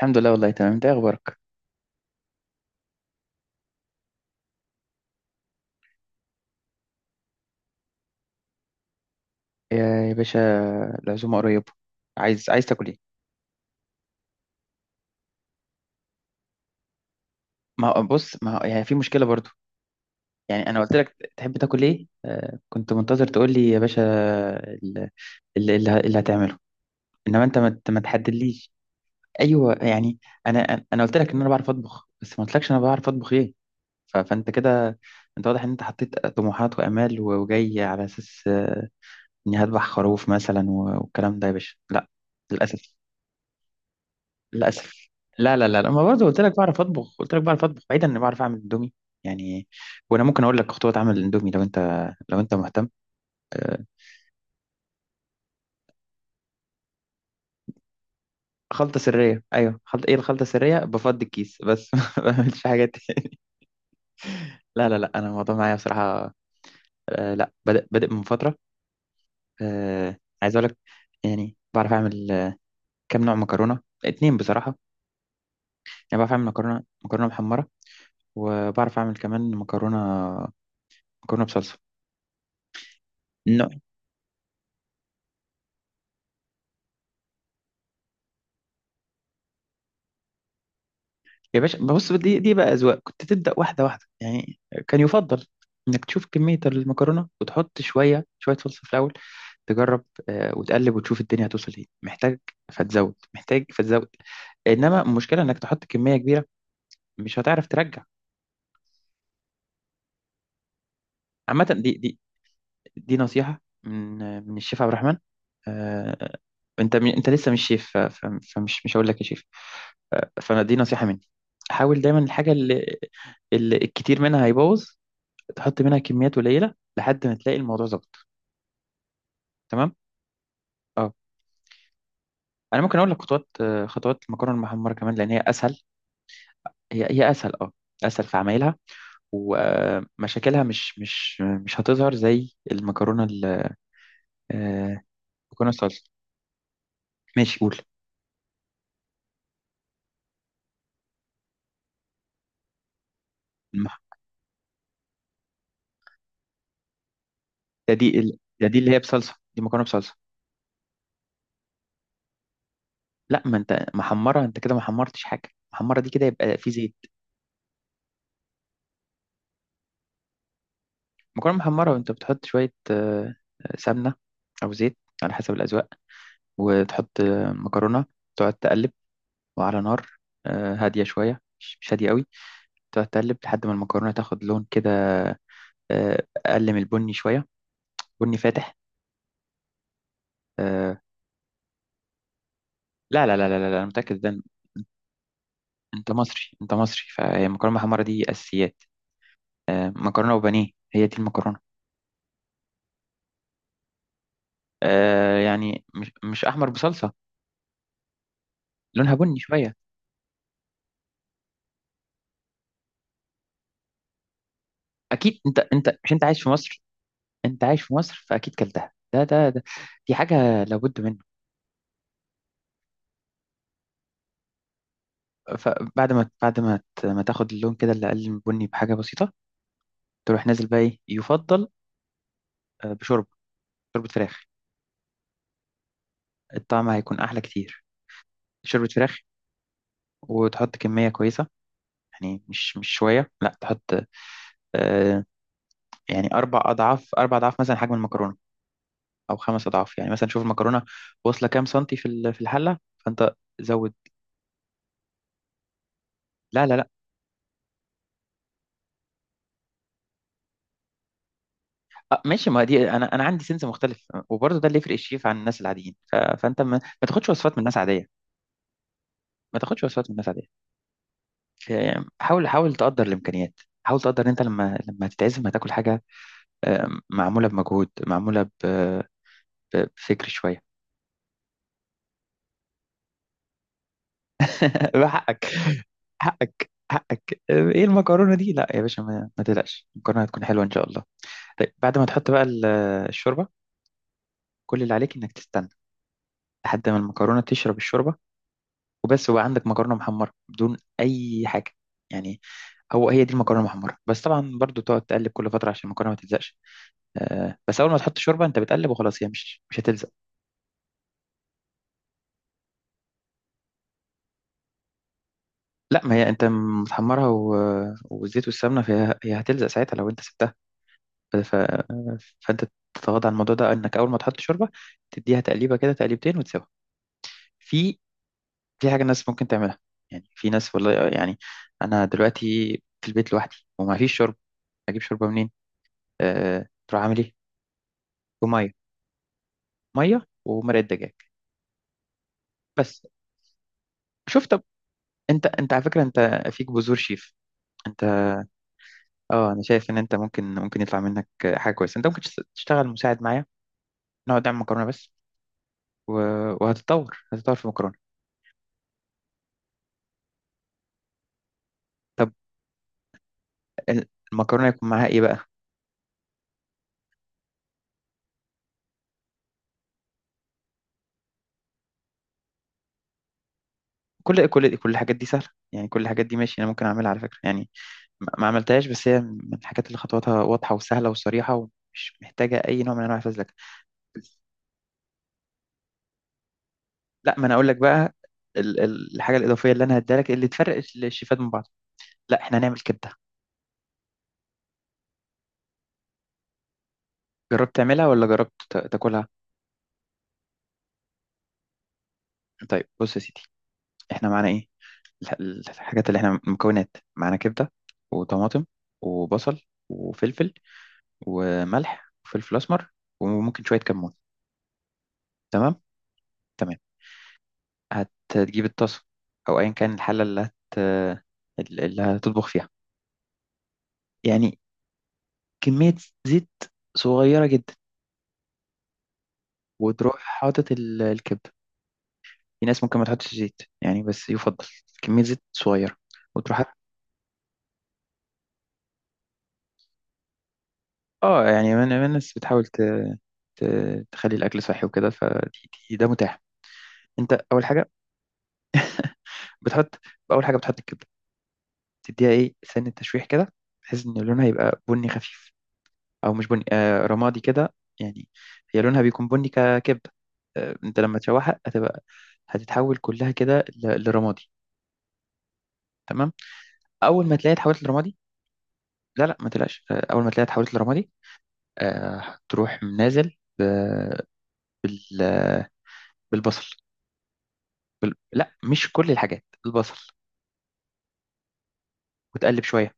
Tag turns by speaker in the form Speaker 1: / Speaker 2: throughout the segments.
Speaker 1: الحمد لله، والله تمام. انت ايه اخبارك؟ يا يا باشا. العزومه قريبه. عايز تاكل ايه؟ ما هو- بص، ما هو- يعني في مشكله برضو. يعني انا قلت لك تحب تاكل ايه؟ كنت منتظر تقول لي يا باشا ال- اللي هتعمله. انما انت ما تحددليش. ايوه، يعني. انا قلت لك ان انا بعرف اطبخ، بس ما قلتلكش انا بعرف اطبخ ايه. فانت كده. انت واضح ان انت حطيت طموحات وامال وجاي على اساس اني هذبح خروف مثلا والكلام ده. يا باشا، لا. للاسف. للاسف. لا لا لا لا، ما برضه قلت لك بعرف اطبخ، قلت لك بعرف اطبخ بعيدا اني بعرف اعمل اندومي. يعني. وانا ممكن اقول لك خطوات عمل الاندومي لو انت مهتم. آه. خلطه سريه، ايوه. خلطه ايه؟ الخلطه السريه بفضي الكيس بس ما بعملش حاجات لا لا لا، انا الموضوع معايا بصراحه. آه. لا، بادئ بادئ من فتره. آه. عايز اقول لك. يعني بعرف اعمل كام نوع مكرونه؟ اتنين بصراحه. يعني بعرف اعمل مكرونه مكرونه محمره. وبعرف اعمل كمان مكرونه، مكرونه بصلصه. يا باشا، بص، دي بقى أذواق، كنت تبدأ واحدة واحدة يعني. كان يفضل إنك تشوف كمية المكرونة وتحط شوية شوية صلصة في الأول. تجرب. وتقلب وتشوف الدنيا هتوصل إيه، محتاج فتزود، محتاج فتزود. إنما المشكلة إنك تحط كمية كبيرة، مش هتعرف ترجع. عامة، دي. دي نصيحة من الشيف عبد الرحمن. آه. أنت لسه مش شيف، فمش مش هقول لك يا شيف. فأنا دي نصيحة مني. حاول دايما الحاجة اللي الكتير منها هيبوظ، تحط منها كميات قليله لحد ما تلاقي الموضوع ظبط. تمام. اه. انا ممكن اقول لك خطوات المكرونه المحمره كمان، لان هي اسهل. هي اسهل، اه. اسهل في عمايلها. ومشاكلها مش هتظهر زي آه، المكرونه الصلصه. ماشي، قول. المح- ده دي ال- ده دي اللي هي بصلصه، دي مكرونه بصلصه. لا، ما انت محمره، انت كده ما حمرتش حاجه. محمره دي كده يبقى في زيت. مكرونه محمره، وانت بتحط شويه سمنه، او زيت، على حسب الاذواق. وتحط مكرونه. تقعد تقلب، وعلى نار هادية شوية، مش هادية قوي. تقعد تقلب لحد ما المكرونة تاخد لون كده، أقل من البني شوية، بني فاتح. آه. لا لا لا لا لا لا، أنا متأكد ده. أنت مصري، فهي المكرونة محمرة دي أساسيات. مكرونة وبانيه هي دي المكرونة. يعني مش أحمر بصلصة، لونها بني شوية. أكيد، أنت أنت مش أنت عايش في مصر. أنت عايش في مصر، فأكيد كلتها. ده. دي حاجة لابد منه. فبعد ما بعد ما ت- ما تاخد اللون كده اللي أقل من بني بحاجة بسيطة، تروح نازل بقى. ايه يفضل؟ بشوربه، شوربه فراخ. الطعم هيكون احلى كتير. شوربه فراخ. وتحط كميه كويسه. يعني مش شويه، لا تحط. آه. يعني اربع اضعاف، اربع اضعاف مثلا حجم المكرونه، او خمس اضعاف. يعني مثلا شوف المكرونه واصله كام سنتي في الحله، فانت زود. لا لا لا. آه ماشي، ما دي انا عندي سنس مختلف، وبرضه ده اللي يفرق الشيف عن الناس العاديين. فانت ما تاخدش وصفات من الناس عاديه. ما تاخدش وصفات من الناس عاديه. حاول تقدر الامكانيات، حاول تقدر ان انت لما تتعزم هتاكل حاجه معمولة بمجهود، معمولة بفكر شوية. حقك، حقك، حقك. ايه المكرونة دي؟ لا يا باشا، ما تقلقش، المكرونة هتكون حلوة ان شاء الله. طيب بعد ما تحط بقى الشوربة. كل اللي عليك انك تستنى لحد ما المكرونة تشرب الشوربة وبس، وبقى عندك مكرونة محمرة بدون اي حاجة، يعني. هي دي المكرونه المحمره. بس طبعا برضو تقعد تقلب كل فتره عشان المكرونه ما تلزقش. بس اول ما تحط شوربه انت بتقلب وخلاص، هي مش هتلزق. لا، ما هي انت متحمرها والزيت والسمنه، فهي هتلزق ساعتها لو انت سبتها. ف... ف... فانت تتغاضى عن الموضوع ده، انك اول ما تحط شوربه تديها تقليبه كده، تقليبتين، وتسيبها. في في حاجه الناس ممكن تعملها. يعني في ناس والله، يعني انا دلوقتي في البيت لوحدي وما فيش شوربه. اجيب شوربه منين؟ تروح عامل ايه؟ بميه، ميه ومرقه دجاج، بس. شوف طب، انت على فكره، انت فيك بذور شيف، انت. اه، انا شايف ان انت ممكن يطلع منك حاجه كويسه. انت ممكن تشتغل مساعد معايا، نقعد نعمل مكرونة بس، و... وهتتطور، هتتطور في مكرونة. طب ال- المكرونة يكون معاها ايه بقى؟ كل الحاجات دي سهلة، يعني كل الحاجات دي ماشي، انا ممكن اعملها على فكرة. يعني ما عملتهاش، بس هي من الحاجات اللي خطواتها واضحة وسهلة وصريحة، ومش محتاجة اي نوع من انواع الفزلكة. لا، ما انا اقول لك بقى الحاجة الإضافية اللي انا هديها لك، اللي تفرق الشيفات من بعض. لا، احنا هنعمل كبدة. جربت تعملها ولا جربت تاكلها؟ طيب بص يا سيدي، احنا معانا ايه؟ الح- الحاجات اللي احنا مكونات معانا: كبدة، وطماطم، وبصل، وفلفل، وملح، وفلفل أسمر، وممكن شوية كمون. تمام. تمام. هتجيب الطاسة، أو أيا كان الحلة اللي هتطبخ فيها، يعني كمية زيت صغيرة جدا. وتروح حاطط الكبدة. في ناس ممكن ما تحطش زيت يعني، بس يفضل كمية زيت صغيرة. وتروح حاطط. اه، يعني من الناس بتحاول تخلي الأكل صحي وكده، فده متاح. انت، بتحط اول حاجه بتحط الكبده. تديها ايه سن التشويح كده، بحيث ان لونها يبقى بني خفيف. او مش بني، رمادي كده، يعني. هي لونها بيكون بني ككبده. انت لما تشوحها هتبقى، هتتحول كلها كده لرمادي. تمام. اول ما تلاقيها اتحولت لرمادي، لا لا ما تقلقش، اول ما تلاقيها اتحولت لرمادي، آه تروح نازل بال بالبصل. لا، مش كل الحاجات، البصل. وتقلب شويه،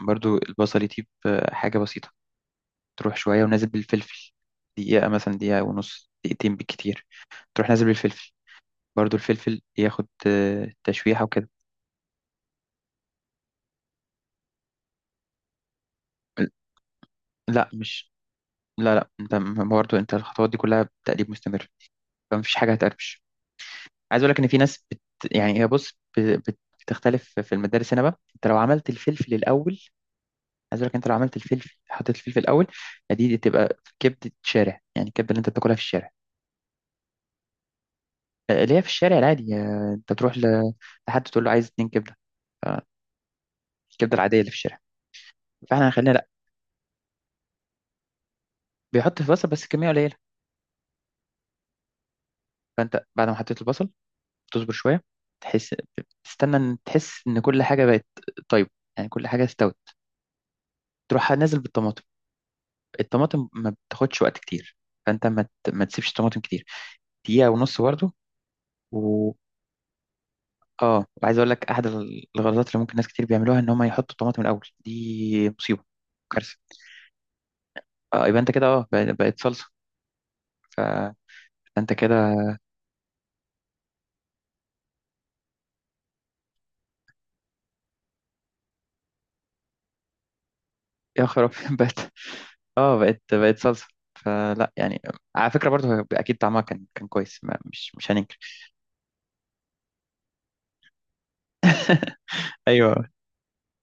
Speaker 1: برضو البصل يطيب حاجه بسيطه. تروح شوية ونازل بالفلفل، دقيقة مثلا، دقيقة ونص، دقيقتين بالكتير. تروح نازل بالفلفل، برضو الفلفل ياخد تشويحة وكده. لا مش، لا لا، انت برضو انت الخطوات دي كلها تقليب مستمر، فمفيش حاجة هتقربش. عايز اقول لك ان في ناس يعني، هي بص بتختلف في المدارس هنا بقى. انت لو عملت الفلفل الاول، عايز اقول لك انت لو عملت الفلفل، حطيت الفلفل الاول، دي تبقى كبدة شارع. يعني الكبدة اللي انت بتاكلها في الشارع، اللي هي في الشارع العادي. انت تروح لحد تقول له عايز اتنين كبدة، الكبده العاديه اللي في الشارع. فاحنا خلينا، لا، بيحط في بصل بس كميه قليله. فانت بعد ما حطيت البصل، تصبر شويه، تحس، تستنى ان تحس ان كل حاجه بقت طيبه، يعني كل حاجه استوت. تروح نازل بالطماطم. الطماطم ما بتاخدش وقت كتير، فانت ما تسيبش طماطم كتير، دقيقه ونص برضه. و اه وعايز اقول لك احد الغلطات اللي ممكن ناس كتير بيعملوها، ان هم يحطوا الطماطم الاول، دي مصيبه، كارثه. اه، يبقى انت كده، بقت صلصه، ف- فانت كده. يا خراب بقت. اه، بقت صلصة. فلا، يعني على فكرة برضو، هو اكيد طعمها كان كويس، ما مش هننكر. ايوه.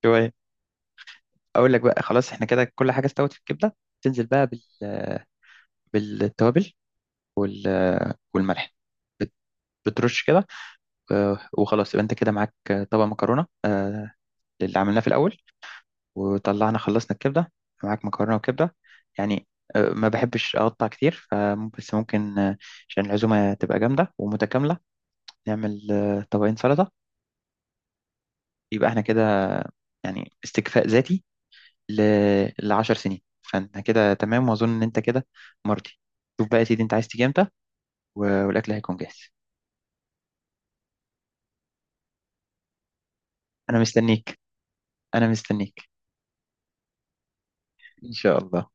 Speaker 1: شوية. اقول لك بقى خلاص، احنا كده كل حاجة استوت في الكبدة. تنزل بقى بالتوابل وال والملح. بت- بترش كده. وخلاص، يبقى انت كده معاك طبق مكرونة اللي عملناه في الاول، وطلعنا خلصنا الكبدة، معاك مكرونة وكبدة، يعني. ما بحبش اقطع كتير، فممكن، بس ممكن عشان العزومة تبقى جامدة ومتكاملة، نعمل طبقين سلطة، يبقى احنا كده يعني استكفاء ذاتي ل 10 سنين. فانت كده تمام، واظن ان انت كده مرضي. شوف بقى يا سيدي، انت عايز تيجي امتى والاكل هيكون جاهز؟ انا مستنيك. انا مستنيك. ان شاء الله.